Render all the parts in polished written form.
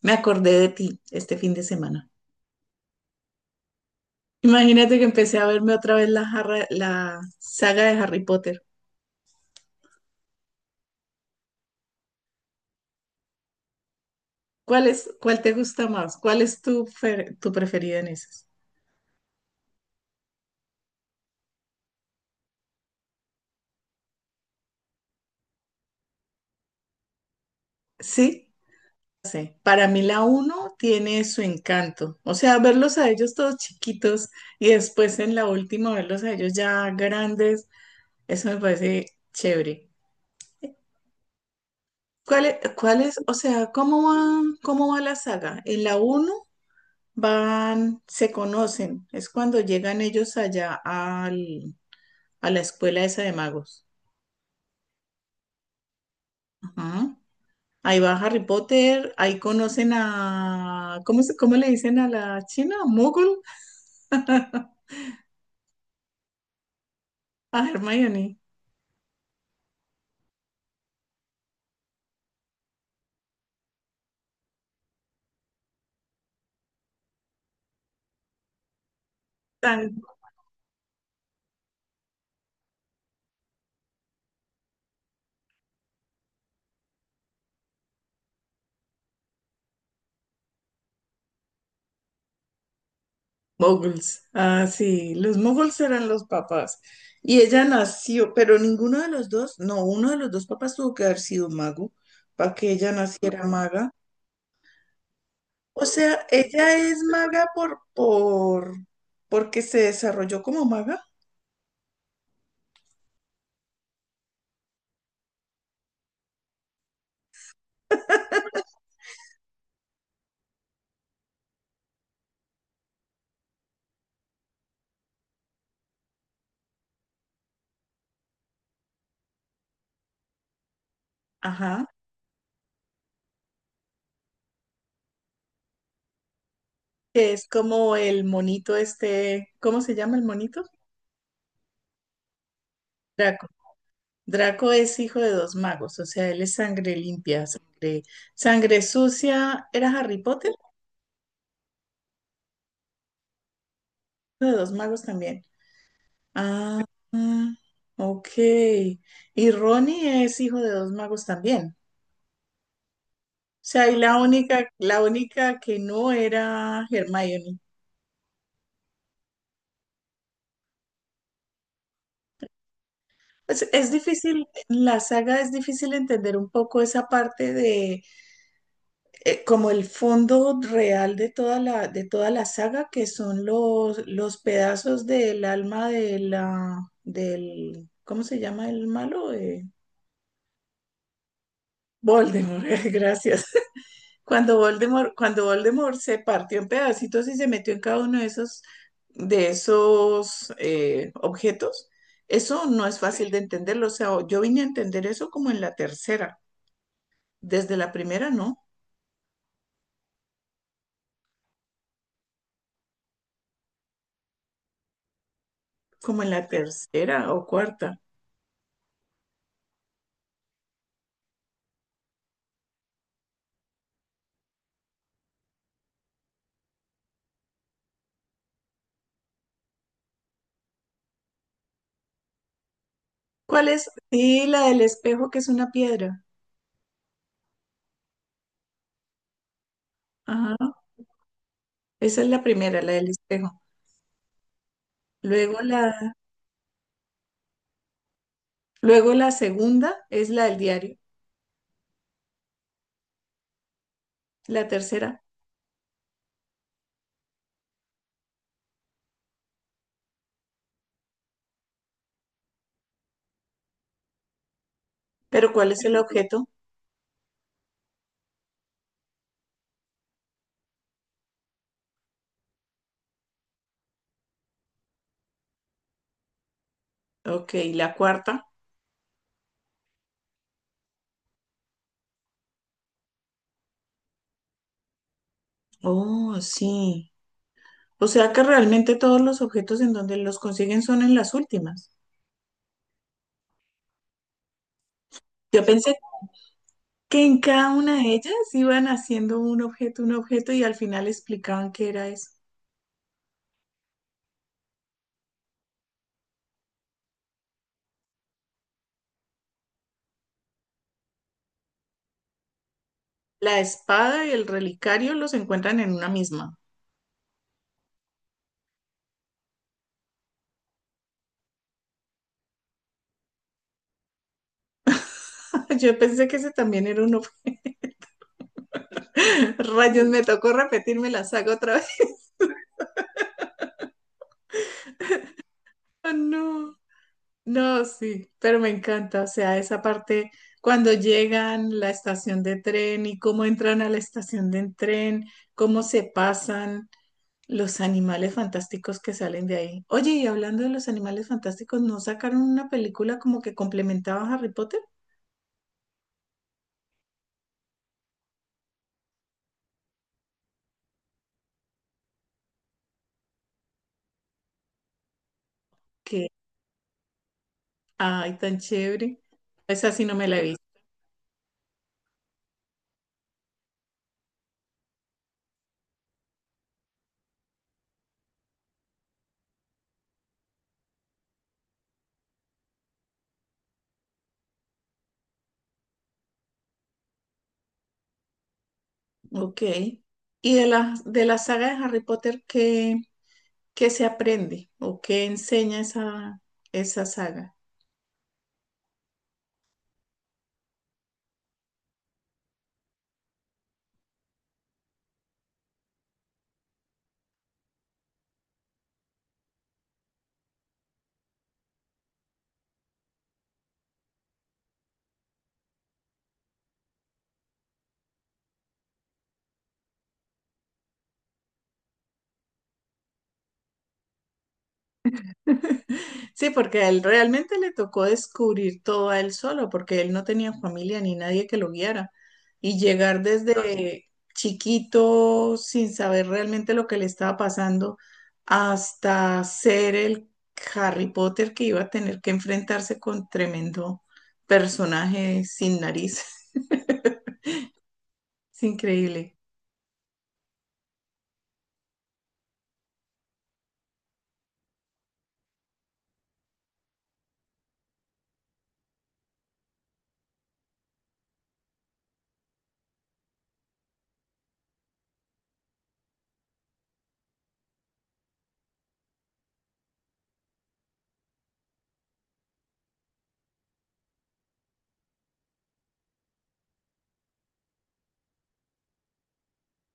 Me acordé de ti este fin de semana. Imagínate que empecé a verme otra vez la saga de Harry Potter. ¿Cuál es, cuál te gusta más? ¿Cuál es tu preferida en esas? Sí, sí. Para mí la uno tiene su encanto. O sea, verlos a ellos todos chiquitos y después en la última verlos a ellos ya grandes, eso me parece chévere. Cuál es, o sea, cómo va la saga? ¿En la uno van, se conocen. Es cuando llegan ellos a la escuela esa de magos. Ajá. Ahí va Harry Potter, ahí conocen a, ¿cómo, cómo le dicen a la china? ¿Mogul? A Hermione. Tan moguls. Ah, sí, los moguls eran los papás. Y ella nació, pero ninguno de los dos, no, uno de los dos papás tuvo que haber sido mago para que ella naciera maga. O sea, ella es maga porque se desarrolló como maga. Ajá. Que es como el monito este, ¿cómo se llama el monito? Draco. Draco es hijo de dos magos, o sea, él es sangre limpia, sangre, sangre sucia. ¿Era Harry Potter? Hijo de dos magos también. Ah, ah, ok. Y Ronnie es hijo de dos magos también. O sea, y la única que no era Hermione. Es difícil, en la saga es difícil entender un poco esa parte de como el fondo real de de toda la saga, que son los pedazos del alma de del, ¿cómo se llama el malo? Voldemort, gracias. Cuando Voldemort se partió en pedacitos y se metió en cada uno de esos objetos, eso no es Sí. fácil de entenderlo. O sea, yo vine a entender eso como en la tercera. Desde la primera, no, como en la tercera o cuarta. ¿Cuál es? Sí, la del espejo, que es una piedra. Ajá. Esa es la primera, la del espejo. Luego la, luego la segunda es la del diario. La tercera. Pero ¿cuál es el objeto? Ok, la cuarta. Oh, sí. O sea que realmente todos los objetos en donde los consiguen son en las últimas. Yo pensé que en cada una de ellas iban haciendo un objeto y al final explicaban qué era eso. La espada y el relicario los encuentran en una misma. Yo pensé que ese también era uno. Rayos, me tocó repetirme la saga otra vez. Ah, no, no, sí, pero me encanta. O sea, esa parte cuando llegan a la estación de tren y cómo entran a la estación de tren, cómo se pasan los animales fantásticos que salen de ahí. Oye, y hablando de los animales fantásticos, ¿no sacaron una película como que complementaba a Harry Potter? Que, ay, tan chévere. Esa sí no me la he visto. Ok. Y de de la saga de Harry Potter, ¿qué, qué se aprende o qué enseña esa saga? Sí, porque a él realmente le tocó descubrir todo a él solo, porque él no tenía familia ni nadie que lo guiara. Y llegar desde chiquito sin saber realmente lo que le estaba pasando hasta ser el Harry Potter que iba a tener que enfrentarse con tremendo personaje sin nariz. Es increíble.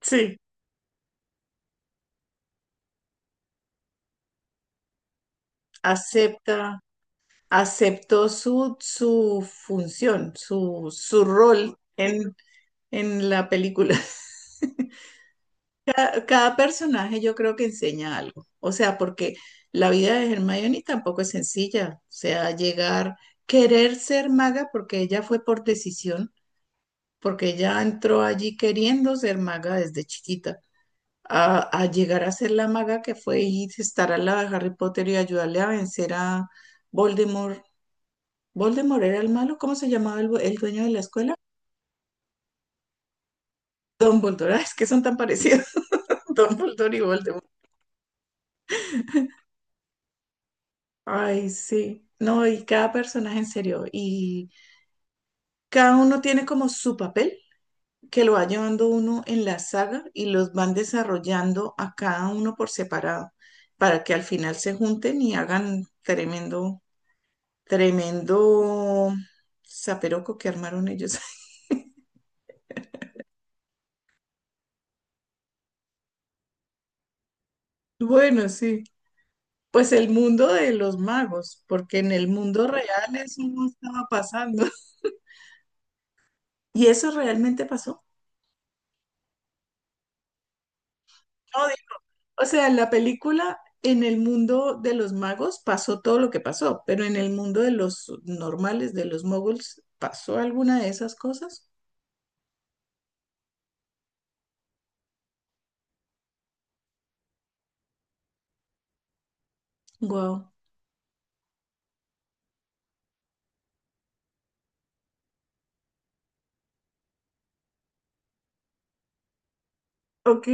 Sí, acepta, aceptó su función, su rol en la película. Cada personaje yo creo que enseña algo. O sea, porque la vida de Hermione tampoco es sencilla. O sea, llegar, querer ser maga, porque ella fue por decisión, porque ella entró allí queriendo ser maga desde chiquita. A llegar a ser la maga que fue y estar al lado de Harry Potter y ayudarle a vencer a Voldemort. ¿Voldemort era el malo? ¿Cómo se llamaba el, el dueño de la escuela? Dumbledore. Ay, es que son tan parecidos. Dumbledore y Voldemort. Ay, sí. No, y cada personaje en serio. Y cada uno tiene como su papel que lo va llevando uno en la saga y los van desarrollando a cada uno por separado para que al final se junten y hagan tremendo, tremendo zaperoco que armaron ellos. Bueno, sí. Pues el mundo de los magos, porque en el mundo real eso no estaba pasando. ¿Y eso realmente pasó? No, o sea, en la película, en el mundo de los magos pasó todo lo que pasó, pero en el mundo de los normales, de los moguls, ¿pasó alguna de esas cosas? Wow. Ok,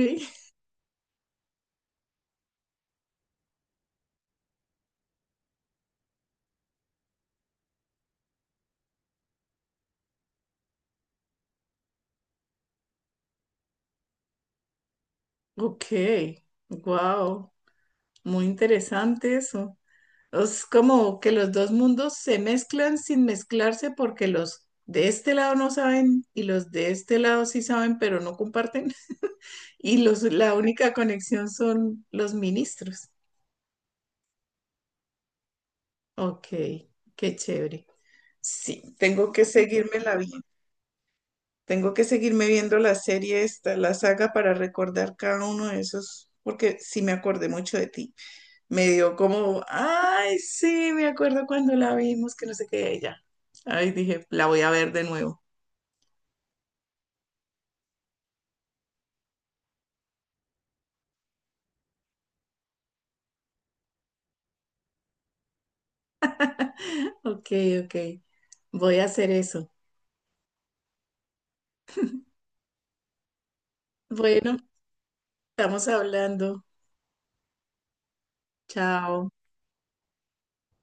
ok, wow. Muy interesante eso. Es como que los dos mundos se mezclan sin mezclarse porque los de este lado no saben y los de este lado sí saben, pero no comparten. Y los, la única conexión son los ministros. Ok, qué chévere. Sí, tengo que tengo que seguirme viendo la serie esta, la saga para recordar cada uno de esos, porque sí me acordé mucho de ti. Me dio como, ay, sí, me acuerdo cuando la vimos, que no sé qué, ella. Ay, dije, la voy a ver de nuevo. Ok, ok, voy a hacer eso. Bueno, estamos hablando. Chao.